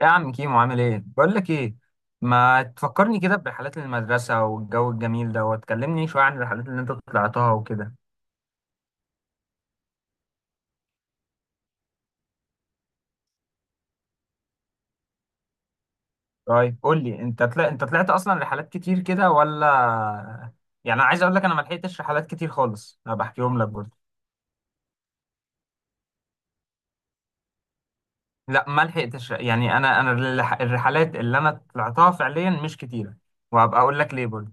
ايه يا عم كيمو عامل ايه؟ بقول لك ايه، ما تفكرني كده برحلات المدرسة والجو الجميل ده وتكلمني شوية عن الرحلات اللي انت طلعتها وكده. طيب قول لي انت انت طلعت اصلا رحلات كتير كده ولا؟ يعني انا عايز اقول لك انا ما لحقتش رحلات كتير خالص، انا بحكيهم لك برضه. لا ما لحقتش، يعني انا الرحلات اللي انا طلعتها فعليا مش كتيرة، وهبقى اقول لك ليه برضه.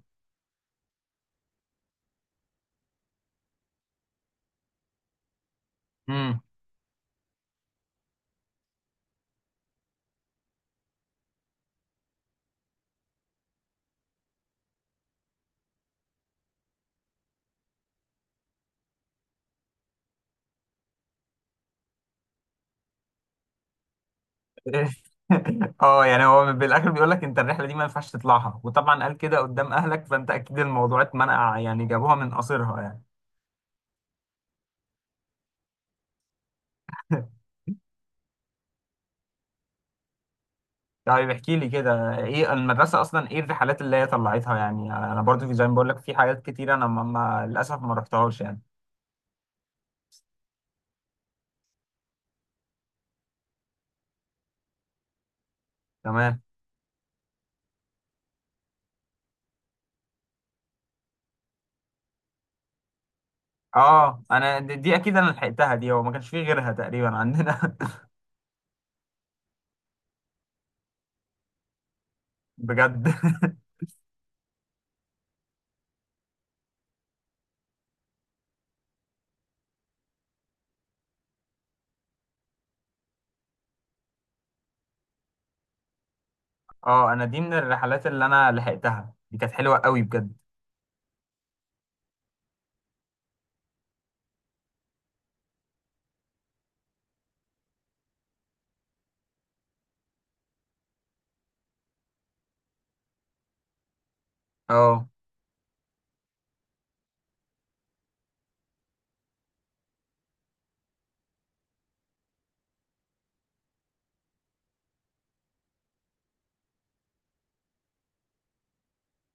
اه يعني هو بالاخر بيقول لك انت الرحله دي ما ينفعش تطلعها، وطبعا قال كده قدام اهلك فانت اكيد الموضوع اتمنع يعني، جابوها من قصرها يعني. طيب احكي لي كده ايه المدرسه اصلا، ايه الرحلات اللي هي طلعتها؟ يعني انا برضو زي ما بقول لك في حاجات كتيره انا للاسف ما رحتهاش يعني. تمام. اه انا دي, دي اكيد انا لحقتها، دي هو ما كانش فيه غيرها تقريبا عندنا. بجد. اه انا دي من الرحلات اللي انا لحقتها، دي كانت حلوه قوي بجد. اه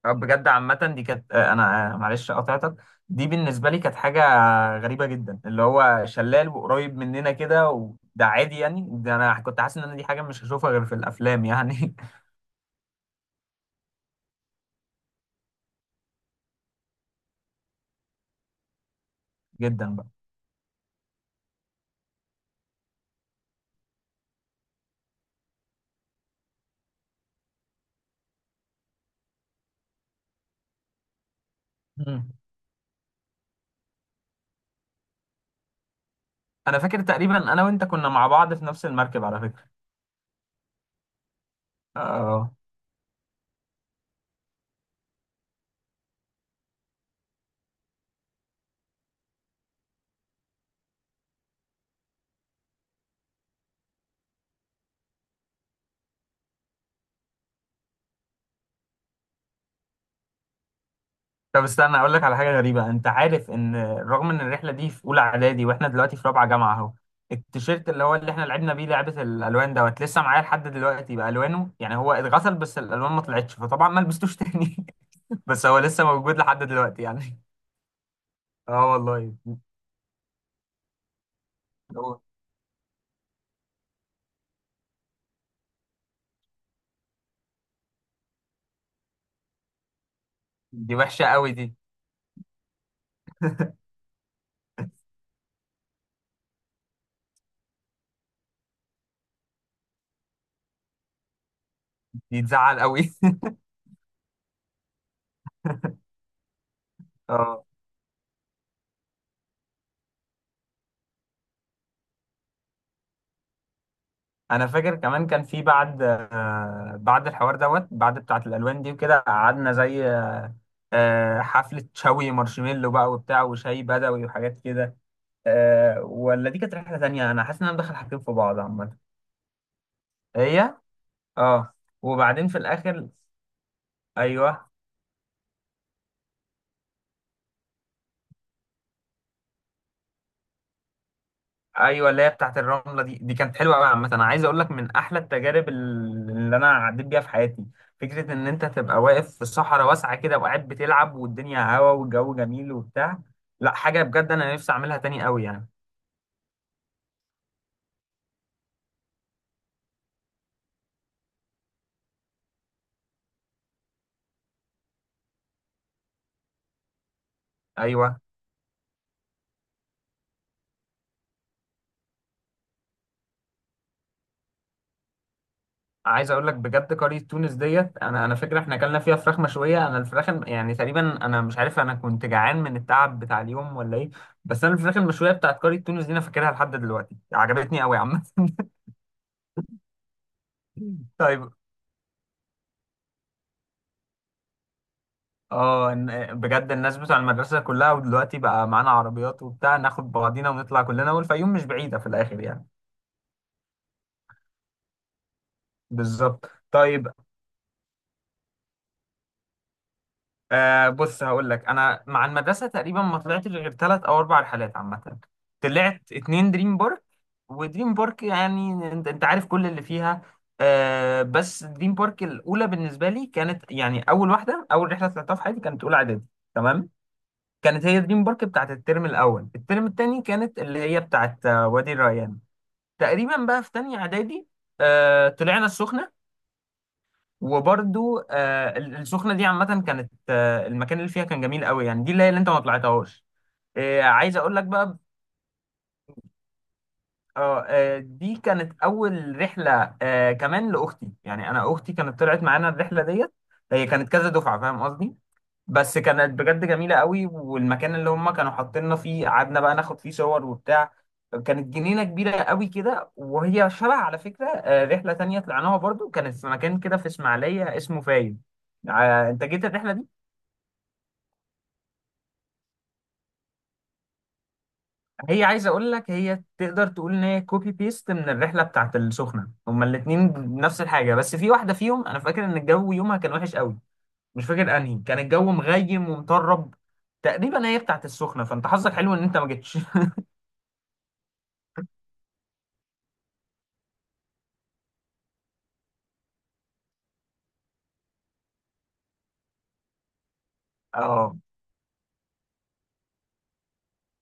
آه، بجد عامة دي كانت آه، أنا آه، معلش قطعتك. دي بالنسبة لي كانت حاجة غريبة جدا، اللي هو شلال وقريب مننا كده وده عادي يعني، ده أنا كنت حاسس إن أنا دي حاجة مش هشوفها غير في الأفلام يعني. جدا بقى. مم. أنا فاكر تقريبا أنا وأنت كنا مع بعض في نفس المركب على فكرة. آه. طب استنى اقول لك على حاجه غريبه، انت عارف ان رغم ان الرحله دي في اولى اعدادي واحنا دلوقتي في رابعه جامعه اهو، التيشيرت اللي هو اللي احنا لعبنا بيه لعبه الالوان دوت لسه معايا لحد دلوقتي بالوانه، يعني هو اتغسل بس الالوان ما طلعتش فطبعا ما لبستوش تاني. بس هو لسه موجود لحد دلوقتي يعني. اه والله. دي وحشه قوي دي. دي تزعل قوي. اه. انا فاكر كمان كان في بعد آه، بعد الحوار دوت بعد بتاعه الالوان دي وكده قعدنا زي آه، حفلة شوي مارشميلو بقى وبتاع وشاي بدوي وحاجات كده آه، ولا دي كانت رحلة تانية؟ أنا حاسس إن أنا مدخل حاجتين في بعض عامة. هي. أه. وبعدين في الآخر. أيوه. أيوه اللي هي بتاعت الرملة دي، دي كانت حلوة أوي عامة، أنا عايز أقول لك من أحلى التجارب اللي أنا عديت بيها في حياتي. فكرة إن أنت تبقى واقف في صحراء واسعة كده وقاعد بتلعب والدنيا هوا والجو جميل وبتاع، لا حاجة بجد أنا نفسي أعملها تاني أوي يعني. أيوه. عايز اقول لك بجد قرية تونس ديت، انا فاكر احنا اكلنا فيها فراخ مشوية، انا الفراخ يعني تقريبا انا مش عارف انا كنت جعان من التعب بتاع اليوم ولا ايه، بس انا الفراخ المشوية بتاعت قرية تونس دي انا فاكرها لحد دلوقتي، عجبتني قوي عامة. طيب. اه بجد الناس بتوع المدرسة كلها، ودلوقتي بقى معانا عربيات وبتاع ناخد بعضينا ونطلع كلنا، والفيوم مش بعيدة في الاخر يعني. بالظبط طيب. آه بص هقول لك انا مع المدرسه تقريبا ما طلعتش غير 3 او 4 رحلات عامه. طلعت اتنين دريم بارك، ودريم بارك يعني انت انت عارف كل اللي فيها. آه بس دريم بارك الاولى بالنسبه لي كانت يعني اول واحده، اول رحله طلعتها في حياتي كانت اولى اعدادي. تمام. كانت هي دريم بارك بتاعت الترم الاول. الترم الثاني كانت اللي هي بتاعت آه، وادي الريان. تقريبا بقى في تانية اعدادي آه طلعنا السخنه، وبرضو آه، السخنه دي عامه كانت آه، المكان اللي فيها كان جميل قوي يعني، دي اللي هي اللي انت ما طلعتهاش. آه، عايز اقول لك بقى اه آه، دي كانت اول رحله آه، كمان لاختي، يعني انا اختي كانت طلعت معانا الرحله ديت. هي كانت كذا دفعه فاهم قصدي. بس كانت بجد جميلة قوي، والمكان اللي هم كانوا حاطيننا فيه قعدنا بقى ناخد فيه صور وبتاع، كانت جنينة كبيرة قوي كده، وهي شبه على فكرة آه، رحلة تانية طلعناها برضو كانت في مكان كده في اسماعيلية اسمه فايد. آه، انت جيت الرحلة دي. هي عايز اقول لك هي تقدر تقول ان هي كوبي بيست من الرحلة بتاعت السخنة، هما الاتنين نفس الحاجة، بس في واحدة فيهم انا فاكر ان الجو يومها كان وحش قوي، مش فاكر انهي، كان الجو مغيم ومطرب تقريبا هي بتاعت السخنة، فانت حظك حلو ان انت ما جيتش. اه.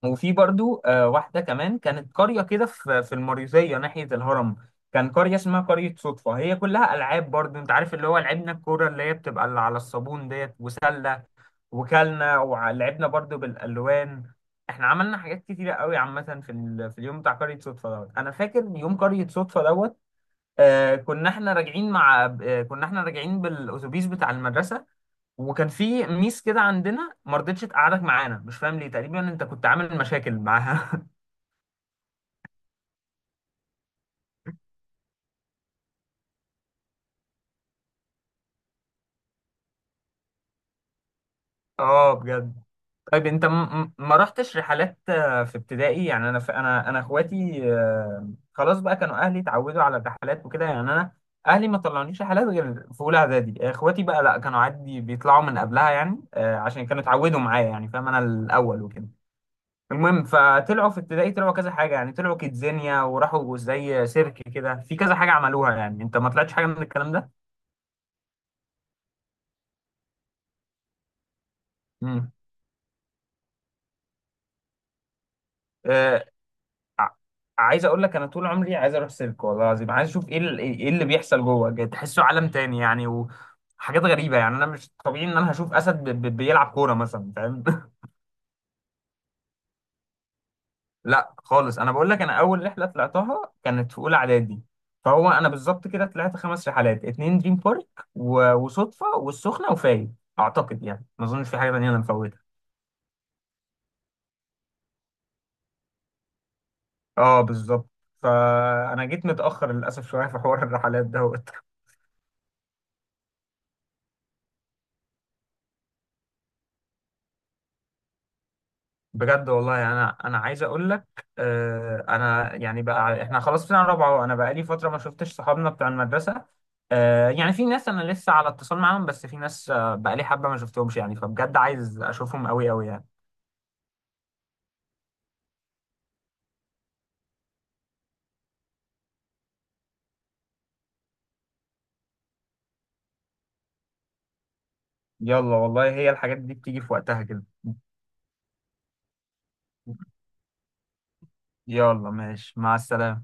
وفي برضو آه، واحدة كمان كانت قرية كده في المريوزية ناحية الهرم، كان قرية اسمها قرية صدفة، هي كلها ألعاب برضو، انت عارف اللي هو لعبنا الكورة اللي هي بتبقى اللي على الصابون ديت، وسلة وكلنا، ولعبنا برضو بالألوان، احنا عملنا حاجات كتيرة قوي عامة في اليوم بتاع قرية صدفة دوت. انا فاكر يوم قرية صدفة دوت، آه كنا احنا راجعين مع آه كنا احنا راجعين بالأتوبيس بتاع المدرسة، وكان في ميس كده عندنا ما رضتش تقعدك معانا مش فاهم ليه، تقريبا انت كنت عامل مشاكل معاها. اه بجد. طيب انت ما رحتش رحلات آه، في ابتدائي؟ يعني انا انا اخواتي آه، خلاص بقى كانوا اهلي اتعودوا على الرحلات وكده، يعني انا اهلي ما طلعونيش رحلات غير في اولى اعدادي، اخواتي بقى لا كانوا عادي بيطلعوا من قبلها يعني آه، عشان كانوا اتعودوا معايا يعني فاهم، انا الاول وكده المهم، فطلعوا في ابتدائي طلعوا كذا حاجه، يعني طلعوا كيدزينيا وراحوا زي سيرك كده، في كذا حاجه عملوها يعني. انت ما طلعتش حاجه من الكلام ده؟ امم آه ع- عايز اقول لك انا طول عمري عايز اروح سيرك والله العظيم، عايز اشوف ايه ايه اللي بيحصل جوه، جاي تحسه عالم تاني يعني، وحاجات غريبه يعني، انا مش طبيعي ان انا هشوف اسد بيلعب كوره مثلا فاهم. لا خالص انا بقول لك انا اول رحله طلعتها كانت في اولى اعدادي، فهو انا بالظبط كده طلعت 5 رحلات، اتنين دريم بارك و... وصدفه والسخنه وفايد اعتقد يعني، ما اظنش في حاجه تانيه انا مفوتها. اه بالظبط. فانا جيت متاخر للاسف شويه في حوار الرحلات ده. بجد والله، يعني انا عايز اقول لك آه انا يعني بقى احنا خلاص في سنه رابعه، وانا بقى لي فتره ما شفتش صحابنا بتاع المدرسه، آه يعني في ناس انا لسه على اتصال معاهم بس في ناس آه بقى لي حبه ما شفتهمش يعني، فبجد عايز اشوفهم قوي قوي يعني. يلا والله هي الحاجات دي بتيجي في وقتها كده. يلا ماشي مع السلامه.